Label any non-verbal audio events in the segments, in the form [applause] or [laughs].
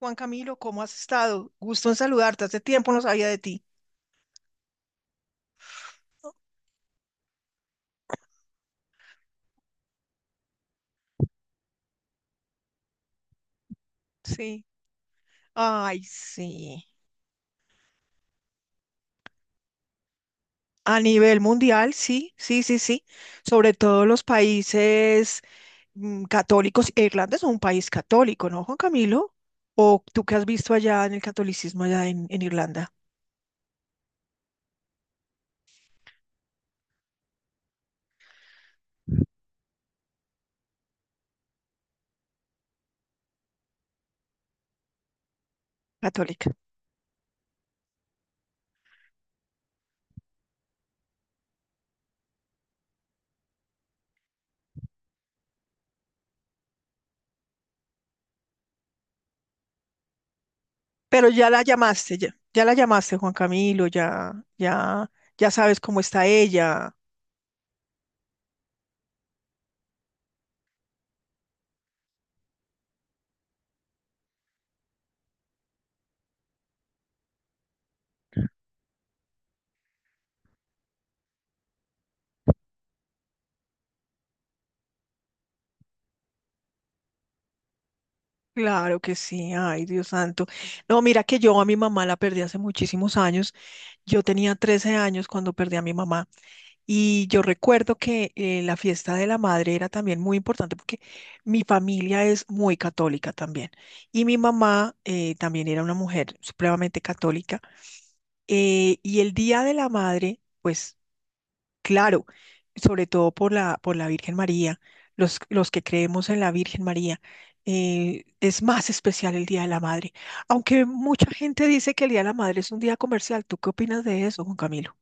Juan Camilo, ¿cómo has estado? Gusto en saludarte. Hace tiempo no sabía de ti. Sí. Ay, sí. A nivel mundial, sí, sí, sí, sí. Sobre todo los países católicos. Irlanda es un país católico, ¿no, Juan Camilo? ¿O tú qué has visto allá en el catolicismo allá en Irlanda, católica? Pero ya la llamaste, ya, ya la llamaste, Juan Camilo, ya, ya, ya sabes cómo está ella. Claro que sí, ay Dios santo. No, mira que yo a mi mamá la perdí hace muchísimos años. Yo tenía 13 años cuando perdí a mi mamá, y yo recuerdo que la fiesta de la madre era también muy importante porque mi familia es muy católica también, y mi mamá también era una mujer supremamente católica, y el día de la madre, pues claro, sobre todo por la Virgen María, los que creemos en la Virgen María, es más especial el Día de la Madre. Aunque mucha gente dice que el Día de la Madre es un día comercial, ¿tú qué opinas de eso, Juan Camilo?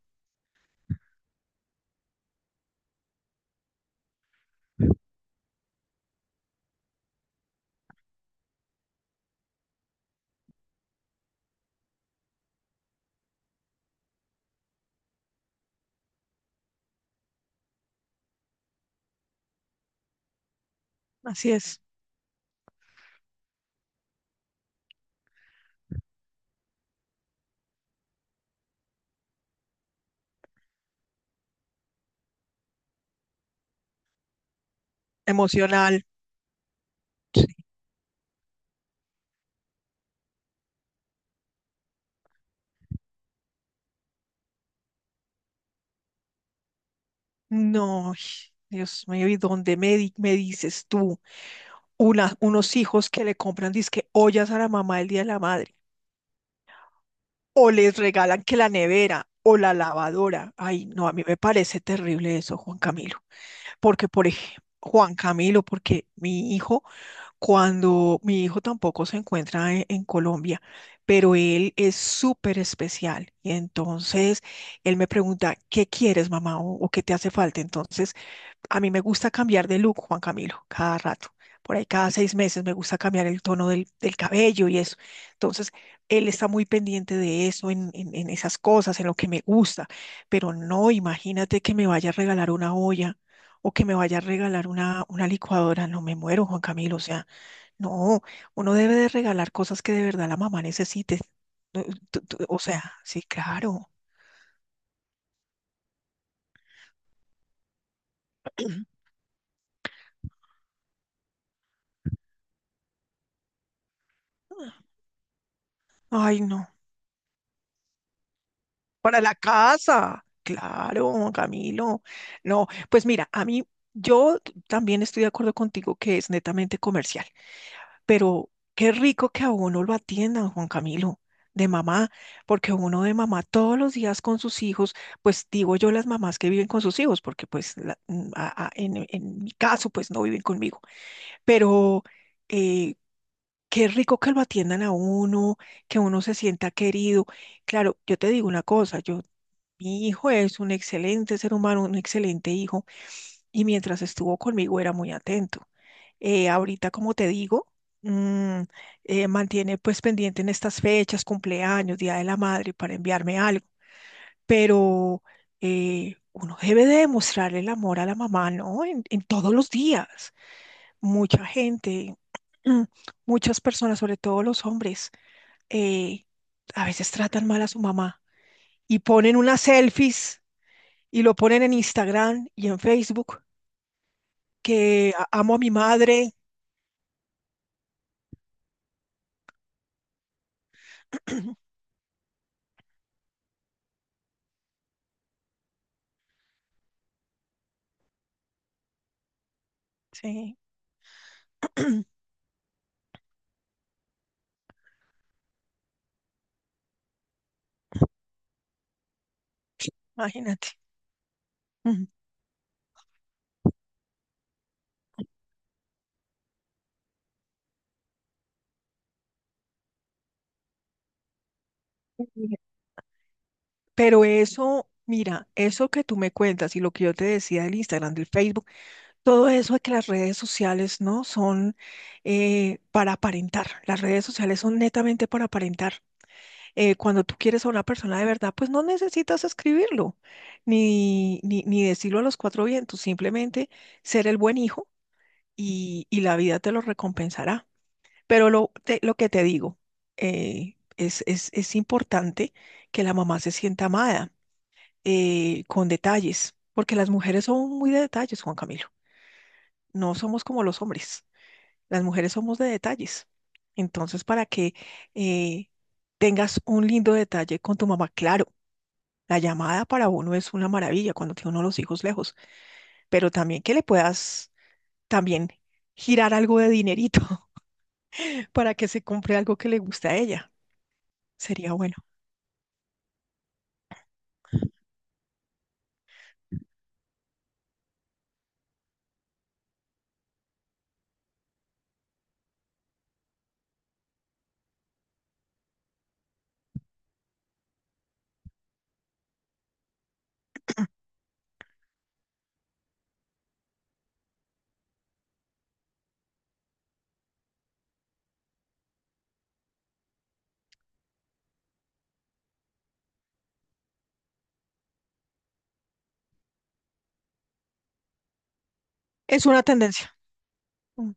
Así es, emocional. Sí. No, ay, Dios mío, ¿y dónde me, me dices tú? Unos hijos que le compran disque ollas a la mamá el Día de la Madre, o les regalan que la nevera o la lavadora. Ay, no, a mí me parece terrible eso, Juan Camilo, porque por ejemplo, Juan Camilo, porque mi hijo, cuando mi hijo tampoco se encuentra en Colombia, pero él es súper especial, y entonces él me pregunta, ¿qué quieres, mamá? O qué te hace falta? Entonces, a mí me gusta cambiar de look, Juan Camilo, cada rato. Por ahí cada 6 meses me gusta cambiar el tono del cabello y eso. Entonces, él está muy pendiente de eso, en, en esas cosas, en lo que me gusta. Pero no, imagínate que me vaya a regalar una olla o que me vaya a regalar una licuadora. No me muero, Juan Camilo. O sea, no, uno debe de regalar cosas que de verdad la mamá necesite. No, o sea, sí, claro. Ay, no. Para la casa. Claro, Camilo. No, pues mira, a mí yo también estoy de acuerdo contigo que es netamente comercial, pero qué rico que a uno lo atiendan, Juan Camilo, de mamá, porque uno de mamá todos los días con sus hijos, pues digo yo, las mamás que viven con sus hijos, porque pues en mi caso pues no viven conmigo, pero eh, qué rico que lo atiendan a uno, que uno se sienta querido. Claro, yo te digo una cosa, yo mi hijo es un excelente ser humano, un excelente hijo, y mientras estuvo conmigo era muy atento. Ahorita, como te digo, mm, mantiene pues pendiente en estas fechas, cumpleaños, Día de la Madre, para enviarme algo, pero uno debe de demostrar el amor a la mamá, ¿no? En todos los días. Mucha gente, mm, muchas personas, sobre todo los hombres, eh, a veces tratan mal a su mamá, y ponen unas selfies y lo ponen en Instagram y en Facebook, que amo a mi madre. [clears throat] Sí, [clears throat] imagínate. Ujú. Pero eso, mira, eso que tú me cuentas y lo que yo te decía del Instagram, del Facebook, todo eso de que las redes sociales no son para aparentar. Las redes sociales son netamente para aparentar. Cuando tú quieres a una persona de verdad, pues no necesitas escribirlo, ni decirlo a los cuatro vientos, simplemente ser el buen hijo y la vida te lo recompensará. Pero lo que te digo, es importante que la mamá se sienta amada, con detalles, porque las mujeres son muy de detalles, Juan Camilo, no somos como los hombres, las mujeres somos de detalles. Entonces, para que eh, tengas un lindo detalle con tu mamá, claro. La llamada para uno es una maravilla cuando tiene uno los hijos lejos, pero también que le puedas también girar algo de dinerito [laughs] para que se compre algo que le guste a ella. Sería bueno. Es una tendencia. mm,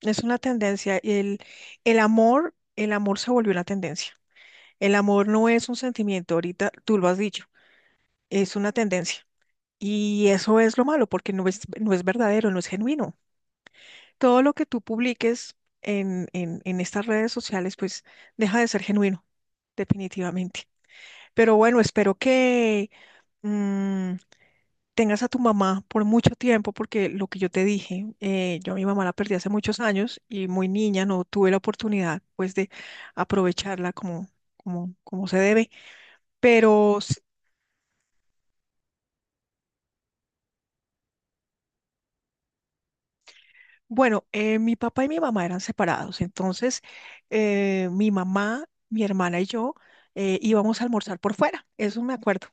Es una tendencia. El amor se volvió una tendencia. El amor no es un sentimiento, ahorita tú lo has dicho, es una tendencia. Y eso es lo malo, porque no es verdadero, no es genuino. Todo lo que tú publiques en estas redes sociales, pues deja de ser genuino, definitivamente. Pero bueno, espero que mm, tengas a tu mamá por mucho tiempo, porque lo que yo te dije, yo a mi mamá la perdí hace muchos años, y muy niña no tuve la oportunidad pues de aprovecharla como, como se debe. Pero bueno, mi papá y mi mamá eran separados, entonces mi mamá, mi hermana y yo íbamos a almorzar por fuera, eso me acuerdo,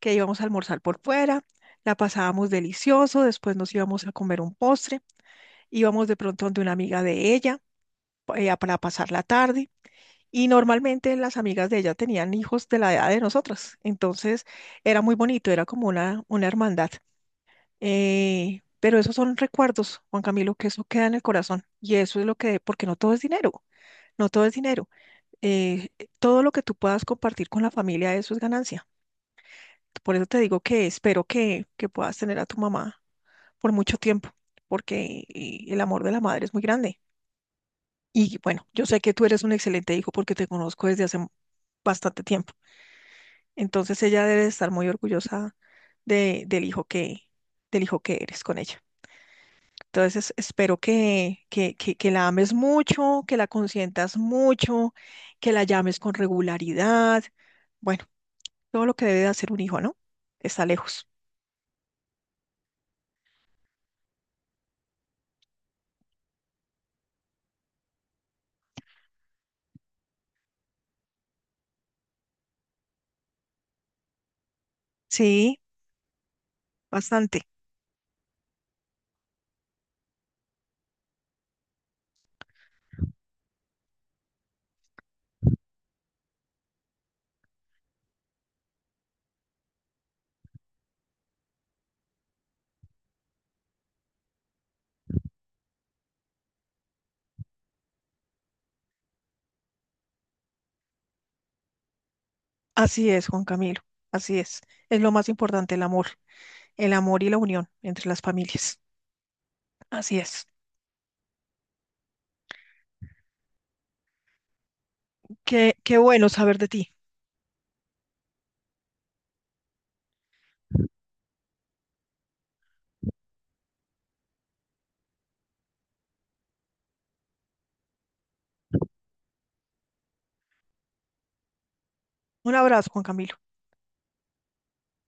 que íbamos a almorzar por fuera, la pasábamos delicioso, después nos íbamos a comer un postre, íbamos de pronto donde una amiga de ella para pasar la tarde, y normalmente las amigas de ella tenían hijos de la edad de nosotras, entonces era muy bonito, era como una hermandad. Pero esos son recuerdos, Juan Camilo, que eso queda en el corazón. Y eso es lo que, porque no todo es dinero, no todo es dinero. Eh, Todo lo que tú puedas compartir con la familia, eso es ganancia. Por eso te digo que espero que puedas tener a tu mamá por mucho tiempo, porque el amor de la madre es muy grande. Y bueno, yo sé que tú eres un excelente hijo porque te conozco desde hace bastante tiempo. Entonces, ella debe estar muy orgullosa de, del hijo que eres con ella. Entonces, espero que la ames mucho, que la consientas mucho, que la llames con regularidad. Bueno, todo lo que debe de hacer un hijo, ¿no? Está lejos. Sí, bastante. Así es, Juan Camilo. Así es. Es lo más importante, el amor. El amor y la unión entre las familias. Así es. Qué bueno saber de ti. Un abrazo, Juan Camilo.